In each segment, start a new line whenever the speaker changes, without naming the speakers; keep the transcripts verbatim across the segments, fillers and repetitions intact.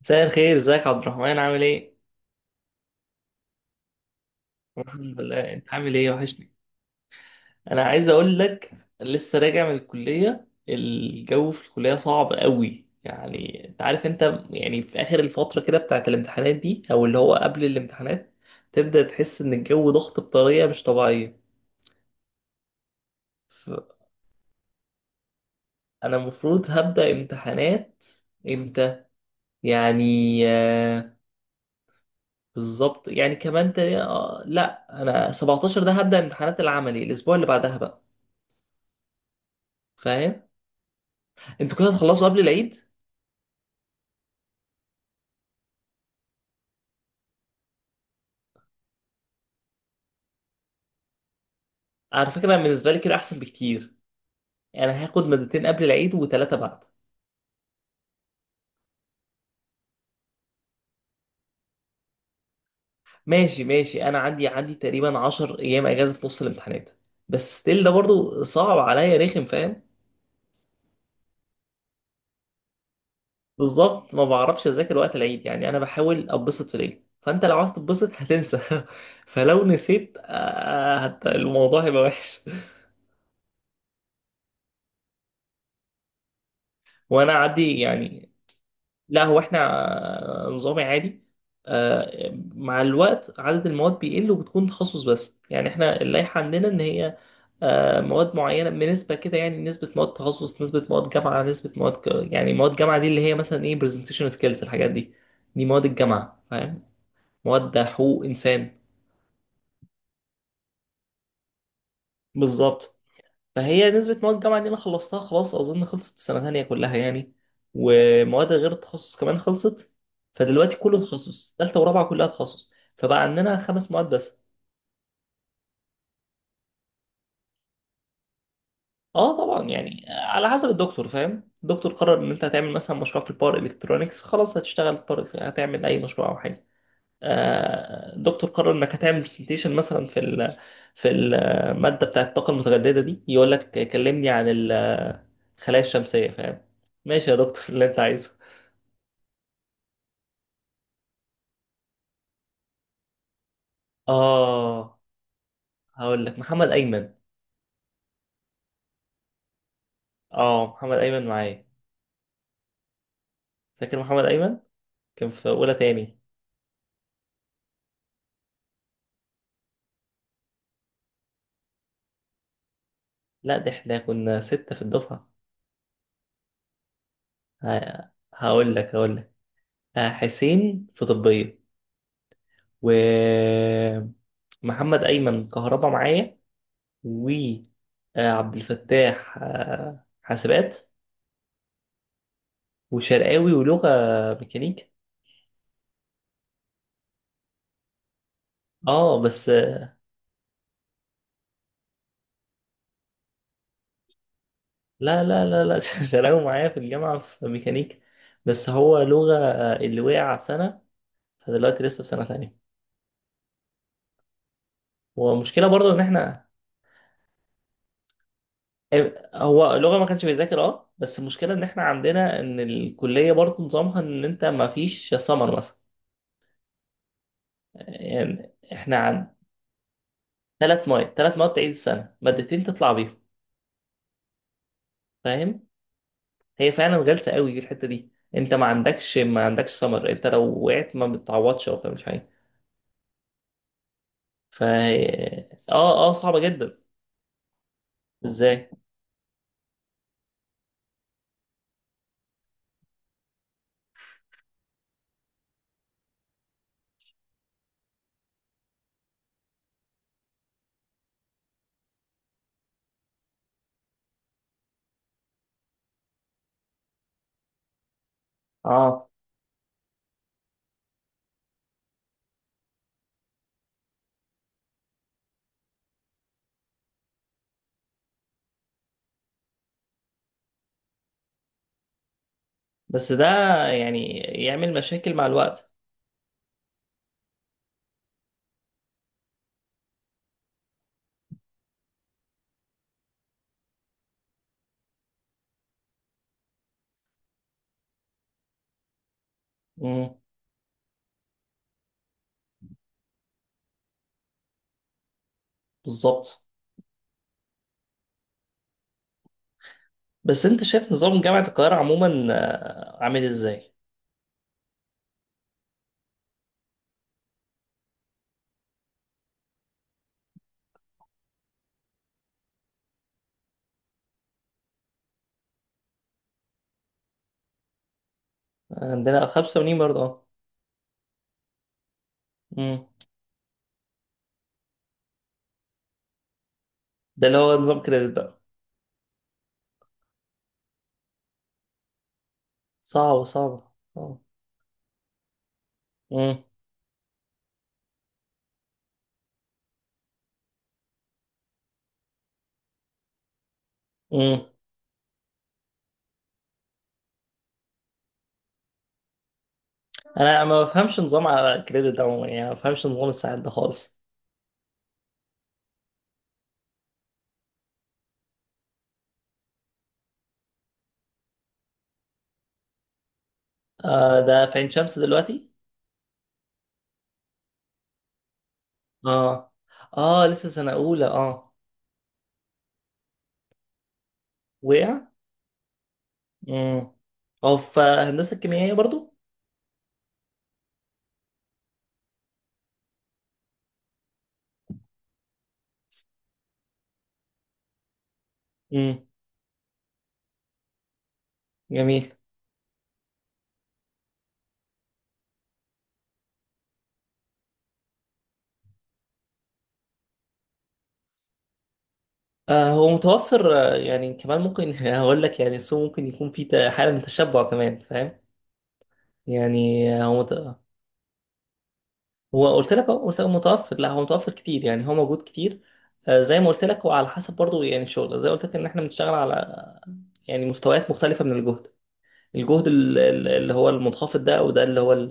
مساء الخير، ازيك يا عبد الرحمن؟ عامل ايه؟ الحمد لله، انت عامل ايه؟ وحشني. انا عايز اقول لك، لسه راجع من الكلية. الجو في الكلية صعب قوي. يعني انت عارف، انت يعني في اخر الفترة كده بتاعت الامتحانات دي، او اللي هو قبل الامتحانات، تبدأ تحس ان الجو ضغط بطريقة مش طبيعية. فانا المفروض هبدأ امتحانات امتى؟ يعني آه، بالظبط. يعني كمان تقريبا- آه، لا، انا سبعة عشر ده هبدأ امتحانات العملي، الاسبوع اللي بعدها بقى. فاهم؟ انتوا كده هتخلصوا قبل العيد. على فكره أنا بالنسبه لي كده احسن بكتير. يعني هاخد مادتين قبل العيد وثلاثه بعد. ماشي ماشي، انا عندي عندي تقريبا 10 ايام اجازه في نص الامتحانات، بس ستيل ده برضو صعب عليا، رخم، فاهم؟ بالظبط، ما بعرفش اذاكر وقت العيد. يعني انا بحاول اتبسط في العيد، فانت لو عايز تتبسط هتنسى. فلو نسيت، آه، هت- الموضوع هيبقى وحش. وانا عندي يعني، لا هو احنا نظامي عادي. آه، مع الوقت عدد المواد بيقل وبتكون تخصص. بس يعني احنا اللائحة عندنا ان هي آه، مواد معينة بنسبة كده. يعني نسبة مواد تخصص، نسبة مواد جامعة، نسبة مواد ك- يعني مواد جامعة دي اللي هي مثلا ايه، presentation skills، الحاجات دي. دي مواد الجامعة، فاهم؟ مواد حقوق انسان. بالظبط. فهي نسبة مواد الجامعة دي أنا خلصتها خلاص، أظن خلصت في سنة تانية كلها يعني. ومواد غير التخصص كمان خلصت. فدلوقتي كله تخصص، تالتة ورابعة كلها تخصص. فبقى عندنا خمس مواد بس. اه طبعا، يعني على حسب الدكتور، فاهم؟ الدكتور قرر ان انت هتعمل مثلا مشروع في الباور الكترونكس، خلاص هتشتغل باور، هتعمل اي مشروع او حاجه. آه، الدكتور قرر انك هتعمل برزنتيشن مثلا في ال في الماده بتاعه الطاقه المتجدده دي، يقول لك كلمني عن الخلايا الشمسيه، فاهم؟ ماشي يا دكتور، اللي انت عايزه. اه هقول لك محمد ايمن. اه محمد ايمن معايا. فاكر محمد ايمن؟ كان في اولى تاني. لا، ده احنا كنا ستة في الدفعة. ه- هقول لك هقول لك آه، حسين في طبية، و محمد ايمن كهربا معايا، و آه، عبد الفتاح آه، حاسبات، وشرقاوي ولغة ميكانيك. اه بس آه، لا لا لا لا، شرقاوي معايا في الجامعة في ميكانيك، بس هو لغة آه، اللي وقع سنة. فدلوقتي لسه في سنة تانية. ومشكلة برضو ان احنا هو لغة ما كانش بيذاكر، اه. بس المشكلة ان احنا عندنا ان الكلية برضو نظامها ان انت ما فيش سمر مثلا. يعني احنا عن ثلاث مواد ثلاث مواد تعيد السنة، مادتين تطلع بيهم. فاهم؟ هي فعلا غلسة قوي في الحتة دي. انت ما عندكش ما عندكش سمر. انت لو وقعت ما بتعوضش او بتعملش حاجة. ف اه اه صعبة جدا. ازاي؟ اه بس ده يعني يعمل مشاكل مع الوقت. امم، بالظبط. بس انت شايف نظام جامعة القاهرة عموما آه، عامل ازاي؟ عندنا خمسة وتمانين برضه، اه. مم. ده اللي هو نظام كريدت بقى. صعب صعب، اه. مم. مم. انا ما بفهمش نظام على كريدت ده عموما. يعني ما بفهمش نظام الساعات ده خالص. آه، ده في عين شمس دلوقتي. اه. اه لسه سنة أولى، اه. وقع. مم. هو في هندسة الكيميائية برضه. مم. جميل. آه هو متوفر. آه، يعني كمان ممكن هقول لك، يعني السوق ممكن يكون فيه ت- حالة من التشبع كمان، فاهم؟ يعني هو مت... هو قلت لك، هو- قلت لك متوفر، لا هو متوفر كتير، يعني هو موجود كتير. آه، زي ما قلت لك، هو على حسب برضه، يعني الشغل زي ما قلت لك ان احنا بنشتغل على يعني مستويات مختلفة من الجهد. الجهد ال- ال- اللي هو المنخفض، ده وده اللي هو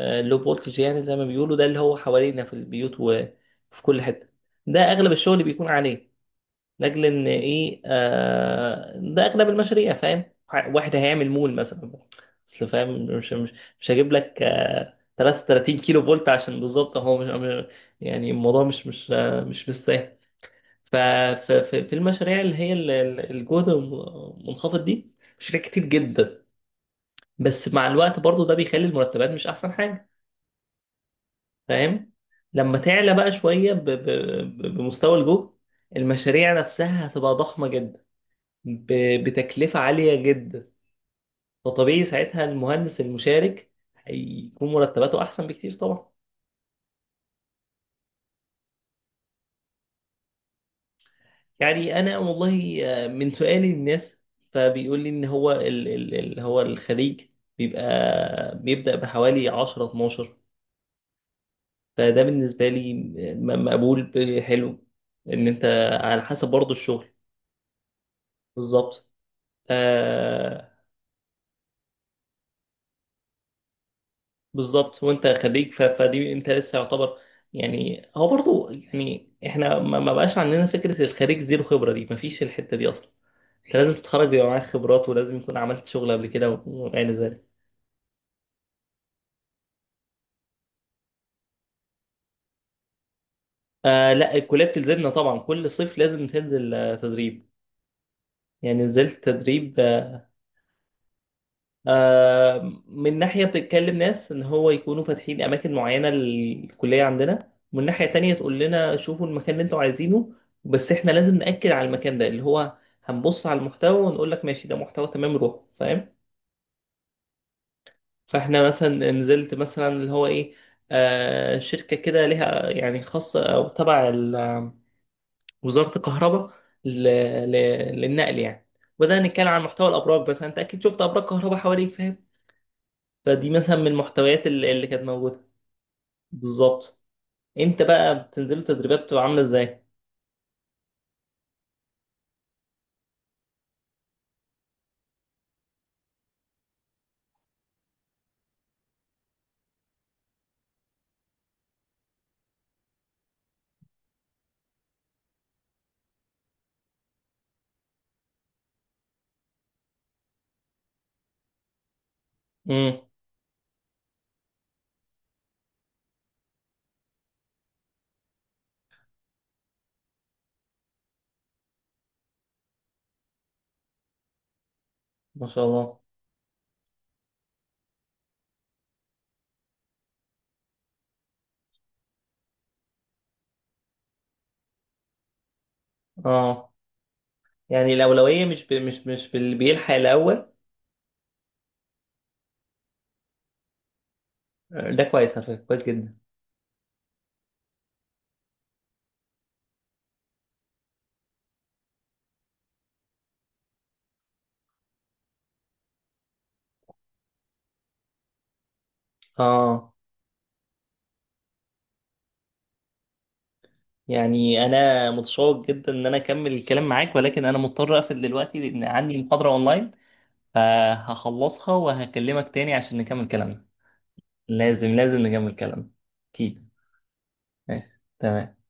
اللو فولتج يعني زي ما بيقولوا، ده اللي هو حوالينا في البيوت وفي كل حتة. ده اغلب الشغل بيكون عليه، لاجل ان ايه، آه ده اغلب المشاريع، فاهم؟ ح- واحد هيعمل مول مثلا، اصل فاهم، مش مش مش هجيب لك آه ثلاثة وثلاثين كيلو فولت كيلو فولت، عشان بالظبط هو مش مش- يعني الموضوع مش مش آه مش مستاهل. ففي في المشاريع اللي هي ال- ال- الجهد الم- المنخفض دي، مشاريع كتير جدا. بس مع الوقت برضو ده بيخلي المرتبات مش احسن حاجة، فاهم؟ لما تعلى بقى شوية ب- ب- ب- بمستوى الجهد، المشاريع نفسها هتبقى ضخمة جدا، ب- بتكلفة عالية جدا. فطبيعي ساعتها المهندس المشارك هيكون مرتباته أحسن بكتير طبعا. يعني أنا والله آه، من سؤالي للناس، فبيقول لي إن هو ال- ال- اللي هو الخليج بيبقى بيبدأ بحوالي عشرة اثنا عشر، فده بالنسبة لي م- مقبول، ب- حلو، إن أنت على حسب برضه الشغل. بالظبط. آه، بالظبط، وانت خريج، ف- فدي انت لسه يعتبر. يعني هو برضو، يعني احنا ما ما بقاش عندنا فكرة الخريج زيرو خبرة دي، ما فيش الحتة دي اصلا. انت لازم تتخرج بيبقى معاك خبرات، ولازم يكون عملت شغل قبل كده و- وما الى ذلك. آه لا، الكلية بتلزمنا طبعا. كل صيف لازم تنزل آه، تدريب. يعني نزلت تدريب. آه، من ناحية بتتكلم ناس إن هو يكونوا فاتحين أماكن معينة للكلية عندنا، ومن ناحية تانية تقول لنا شوفوا المكان اللي أنتوا عايزينه، بس إحنا لازم نأكد على المكان ده، اللي هو هنبص على المحتوى ونقول لك ماشي، ده محتوى تمام، روح، فاهم؟ فإحنا مثلا نزلت مثلا اللي هو إيه، آه شركة كده لها يعني خاصة أو تبع ال- وزارة الكهرباء، ل- ل- للنقل يعني. بدأنا نتكلم عن محتوى الأبراج، بس أنت أكيد شفت أبراج كهرباء حواليك، فاهم؟ فدي مثلا من المحتويات اللي, اللي كانت موجودة. بالظبط. انت بقى بتنزلوا تدريبات بتبقى عاملة ازاي؟ امم. ما شاء الله. اه يعني الأولوية مش ب... مش مش باللي بيلحق الأول. ده كويس على فكرة، كويس جدا. اه يعني انا متشوق جدا ان انا اكمل الكلام معاك، ولكن انا مضطر اقفل دلوقتي لان عندي محاضرة اونلاين، فهخلصها وهكلمك تاني عشان نكمل كلامنا. لازم لازم نكمل كلامنا. اكيد. ماشي. تمام.